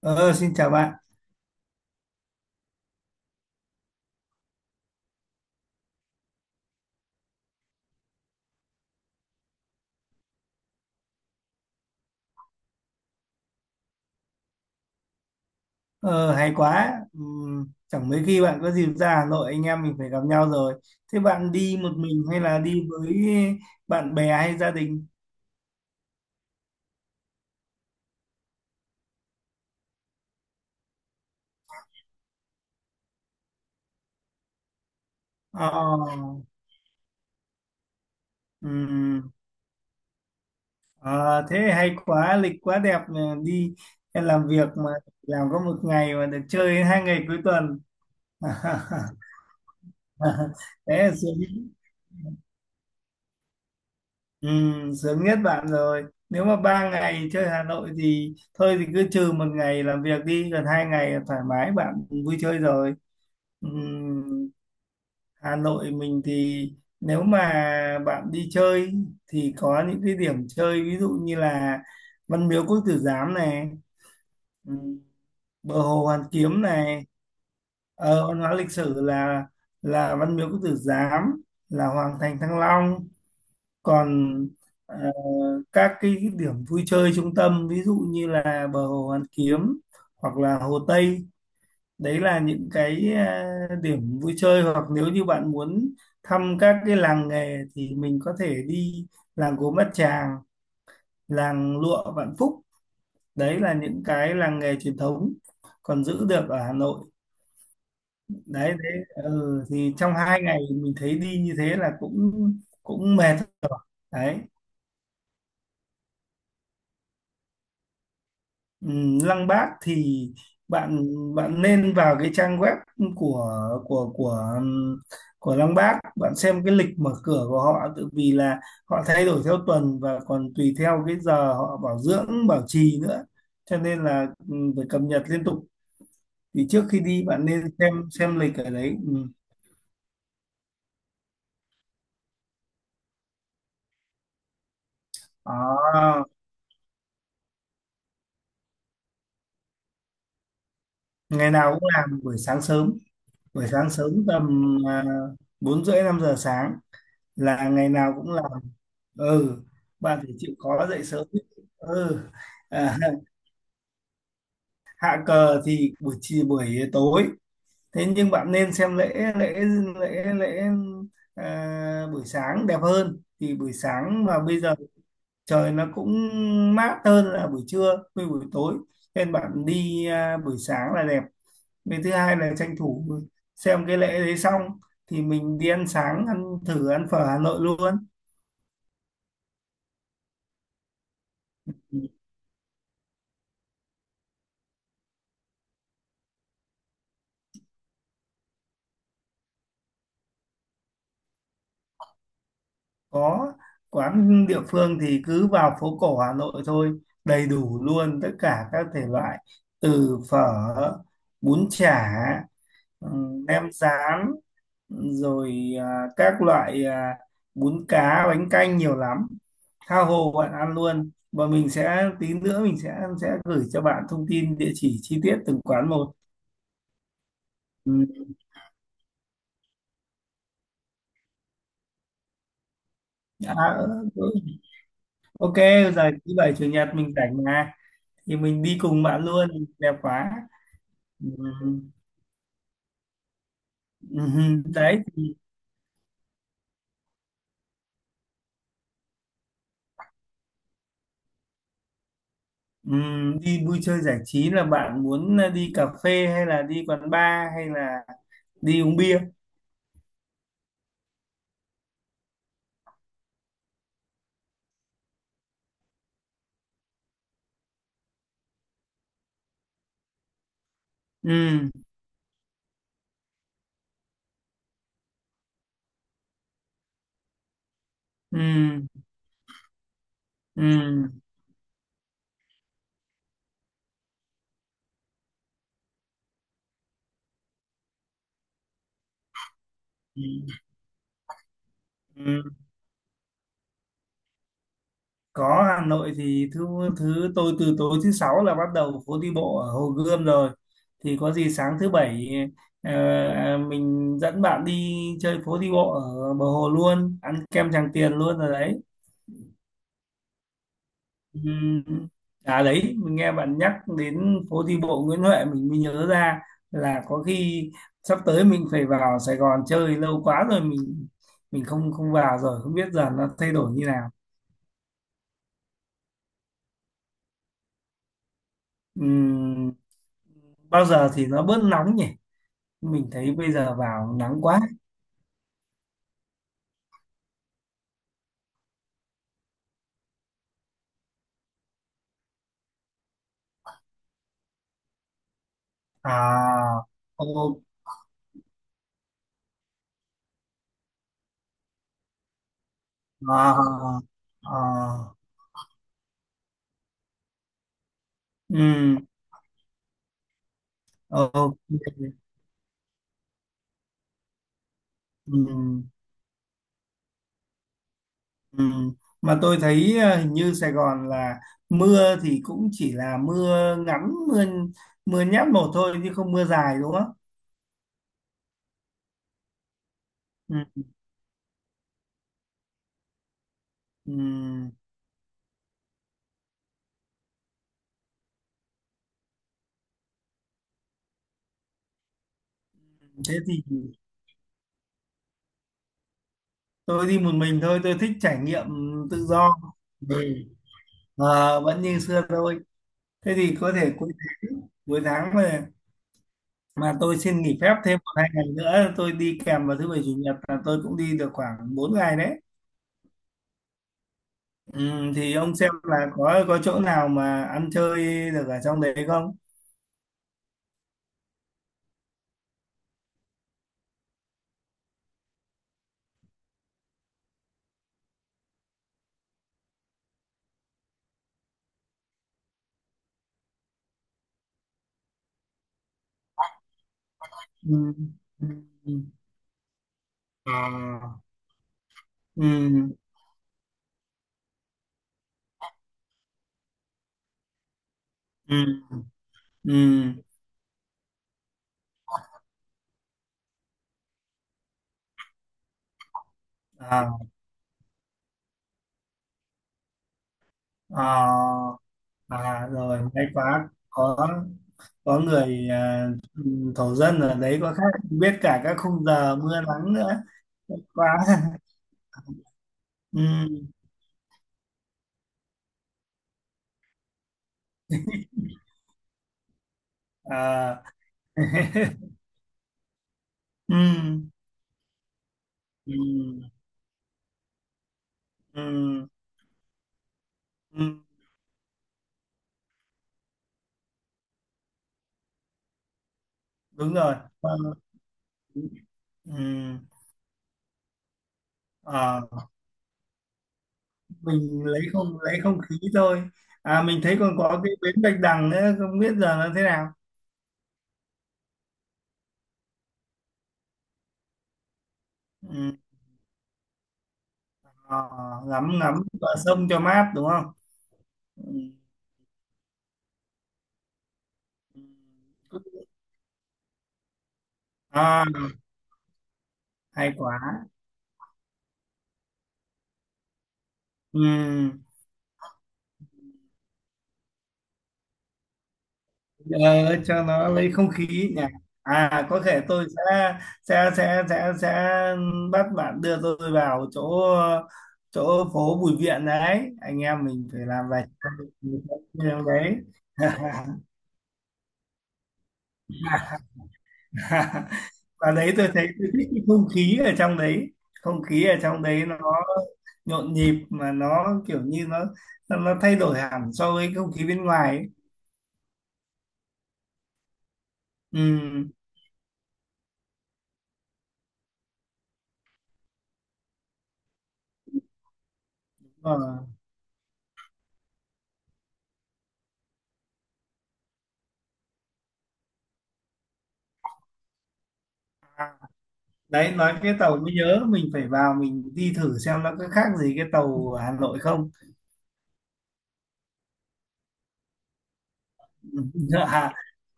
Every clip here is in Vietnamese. Ờ, Xin chào bạn. Ờ, Hay quá. Chẳng mấy khi bạn có dịp ra Hà Nội, anh em mình phải gặp nhau rồi. Thế bạn đi một mình hay là đi với bạn bè hay gia đình? Ờ, ừm, ờ, Thế hay quá, lịch quá đẹp mà đi làm việc mà làm có một ngày mà được chơi hai ngày cuối tuần. Thế là sướng. Ừ, sướng nhất bạn rồi. Nếu mà ba ngày chơi Hà Nội thì thôi thì cứ trừ một ngày làm việc đi, còn hai ngày là thoải mái bạn vui chơi rồi. Ừ, Hà Nội mình thì nếu mà bạn đi chơi thì có những cái điểm chơi ví dụ như là Văn Miếu Quốc Tử Giám này, ừ, bờ hồ Hoàn Kiếm này, văn hóa lịch sử là Văn Miếu Quốc Tử Giám, là Hoàng thành Thăng Long. Còn ờ, các cái điểm vui chơi trung tâm ví dụ như là bờ hồ Hoàn Kiếm hoặc là Hồ Tây, đấy là những cái điểm vui chơi, hoặc nếu như bạn muốn thăm các cái làng nghề thì mình có thể đi làng Gốm Bát Tràng, làng Lụa Vạn Phúc, đấy là những cái làng nghề truyền thống còn giữ được ở Hà Nội. Đấy đấy, thì trong hai ngày mình thấy đi như thế là cũng cũng mệt rồi đấy. Lăng Bác thì bạn bạn nên vào cái trang web của của của ừm, của Lăng Bác, bạn xem cái lịch mở cửa của họ tự vì là họ thay đổi theo tuần và còn tùy theo cái giờ họ bảo dưỡng bảo trì nữa, cho nên là phải cập nhật liên tục. Thì trước khi đi bạn nên xem lịch ở đấy. Ừm. Đó, ngày nào cũng làm buổi sáng sớm tầm 4h30 5 giờ sáng là ngày nào cũng ừ bạn phải chịu khó dậy sớm. ừ à, Hạ cờ thì buổi chiều buổi tối, thế nhưng bạn nên xem lễ lễ buổi sáng đẹp hơn, thì buổi sáng mà bây giờ trời nó cũng mát hơn là buổi trưa với buổi tối, nên bạn đi buổi sáng là đẹp. Với thứ hai là tranh thủ xem cái lễ đấy xong thì mình đi ăn sáng, ăn thử ăn phở Hà Nội luôn. Có quán địa phương thì cứ vào phố cổ Hà Nội thôi, đầy đủ luôn tất cả các thể loại, từ phở, bún chả, nem rán, rồi các loại bún cá, bánh canh nhiều lắm, tha hồ bạn ăn luôn. Và mình sẽ tí nữa mình sẽ gửi cho bạn thông tin địa chỉ chi tiết từng quán một. Ừm, à, ừ. Ok rồi thứ bảy chủ nhật mình rảnh mà, thì mình đi cùng bạn luôn. Đẹp quá. Ừm, Đấy thì, đi vui chơi giải trí là bạn muốn là đi cà phê hay là đi quán bar hay là đi uống bia? Ừm. Ừm. Ừm. Ừm. Ừm. Có, Hà Nội thì thứ thứ tôi từ tối thứ sáu là bắt đầu phố đi bộ ở Hồ Gươm rồi, thì có gì sáng thứ bảy ờ, mình dẫn bạn đi chơi phố đi bộ ở bờ hồ luôn, ăn kem Tràng Tiền luôn rồi đấy. Ừm, À đấy, mình nghe bạn nhắc đến phố đi bộ Nguyễn Huệ mình mới nhớ ra là có khi sắp tới mình phải vào Sài Gòn chơi, lâu quá rồi mình không không vào rồi, không biết giờ nó thay đổi như nào. Ừm, Bao giờ thì nó bớt nóng nhỉ? Mình thấy bây giờ vào nắng quá. À, ô, à, à, à, ừm, ok. Ừm. Ừ. Mà tôi thấy hình như Sài Gòn là mưa thì cũng chỉ là mưa ngắn, mưa mưa nhát một thôi chứ không mưa dài đúng không? Ừ. Ừ. Thế thì tôi đi một mình thôi, tôi thích trải nghiệm tự do. Ừ. Ờ, vẫn như xưa thôi, thế thì có thể cuối tháng, mà tôi xin nghỉ phép thêm một hai ngày nữa, tôi đi kèm vào thứ bảy chủ nhật là tôi cũng đi được khoảng 4 ngày đấy. Ừ, thì ông xem là có chỗ nào mà ăn chơi được ở trong đấy không? Ừ, ừ, ừ. à, ừ, ừ, ừ, à, à, rồi may quá có người thổ dân ở đấy có khác, biết cả các khung giờ mưa nắng nữa, may quá. ừ, à, ừ, ừ, ừ, ừ, đúng rồi. Ờ, ừ, à, mình lấy không khí thôi. À mình thấy còn có cái bến Bạch Đằng nữa, không biết giờ nó thế nào. Ừ, ờ, ngắm ngắm bờ sông cho mát đúng không? Ừ. Ừ. À, hay quá. Ừ. Ờ, cho nó lấy không khí nhỉ. À, có thể tôi sẽ sẽ sẽ sẽ sẽ bắt bạn đưa tôi vào chỗ, phố Bùi Viện đấy. Anh em mình phải làm vậy đấy. Và đấy tôi thấy tôi thích cái không khí ở trong đấy, không khí ở trong đấy nó nhộn nhịp, mà nó kiểu như nó thay đổi hẳn so với không khí bên ngoài ấy. Ừ. Ờ. Đấy nói cái tàu mới nhớ mình phải vào mình đi thử xem nó có khác gì cái tàu Hà Nội không. Ừ. À.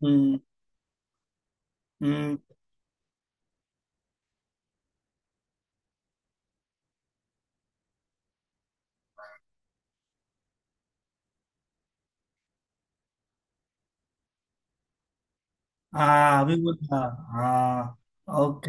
Ừ. Ừ. À Vinwonder à, ok.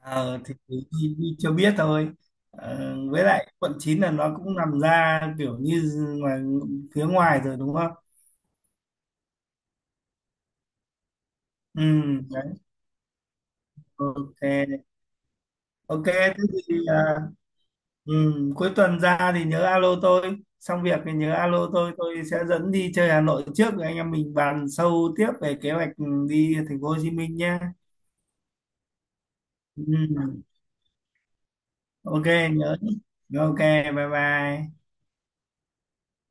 Ờ, thì đi, đi cho biết thôi. Ờ, với lại quận 9 là nó cũng nằm ra kiểu như ngoài, phía ngoài rồi đúng không? Ừ. Đấy. Ok. Ok thế thì ừ, cuối tuần ra thì nhớ alo tôi, xong việc thì nhớ alo tôi sẽ dẫn đi chơi Hà Nội trước rồi anh em mình bàn sâu tiếp về kế hoạch đi thành phố Hồ Chí Minh nhé. Ừ, ok. Nhớ. Ok. Bye bye.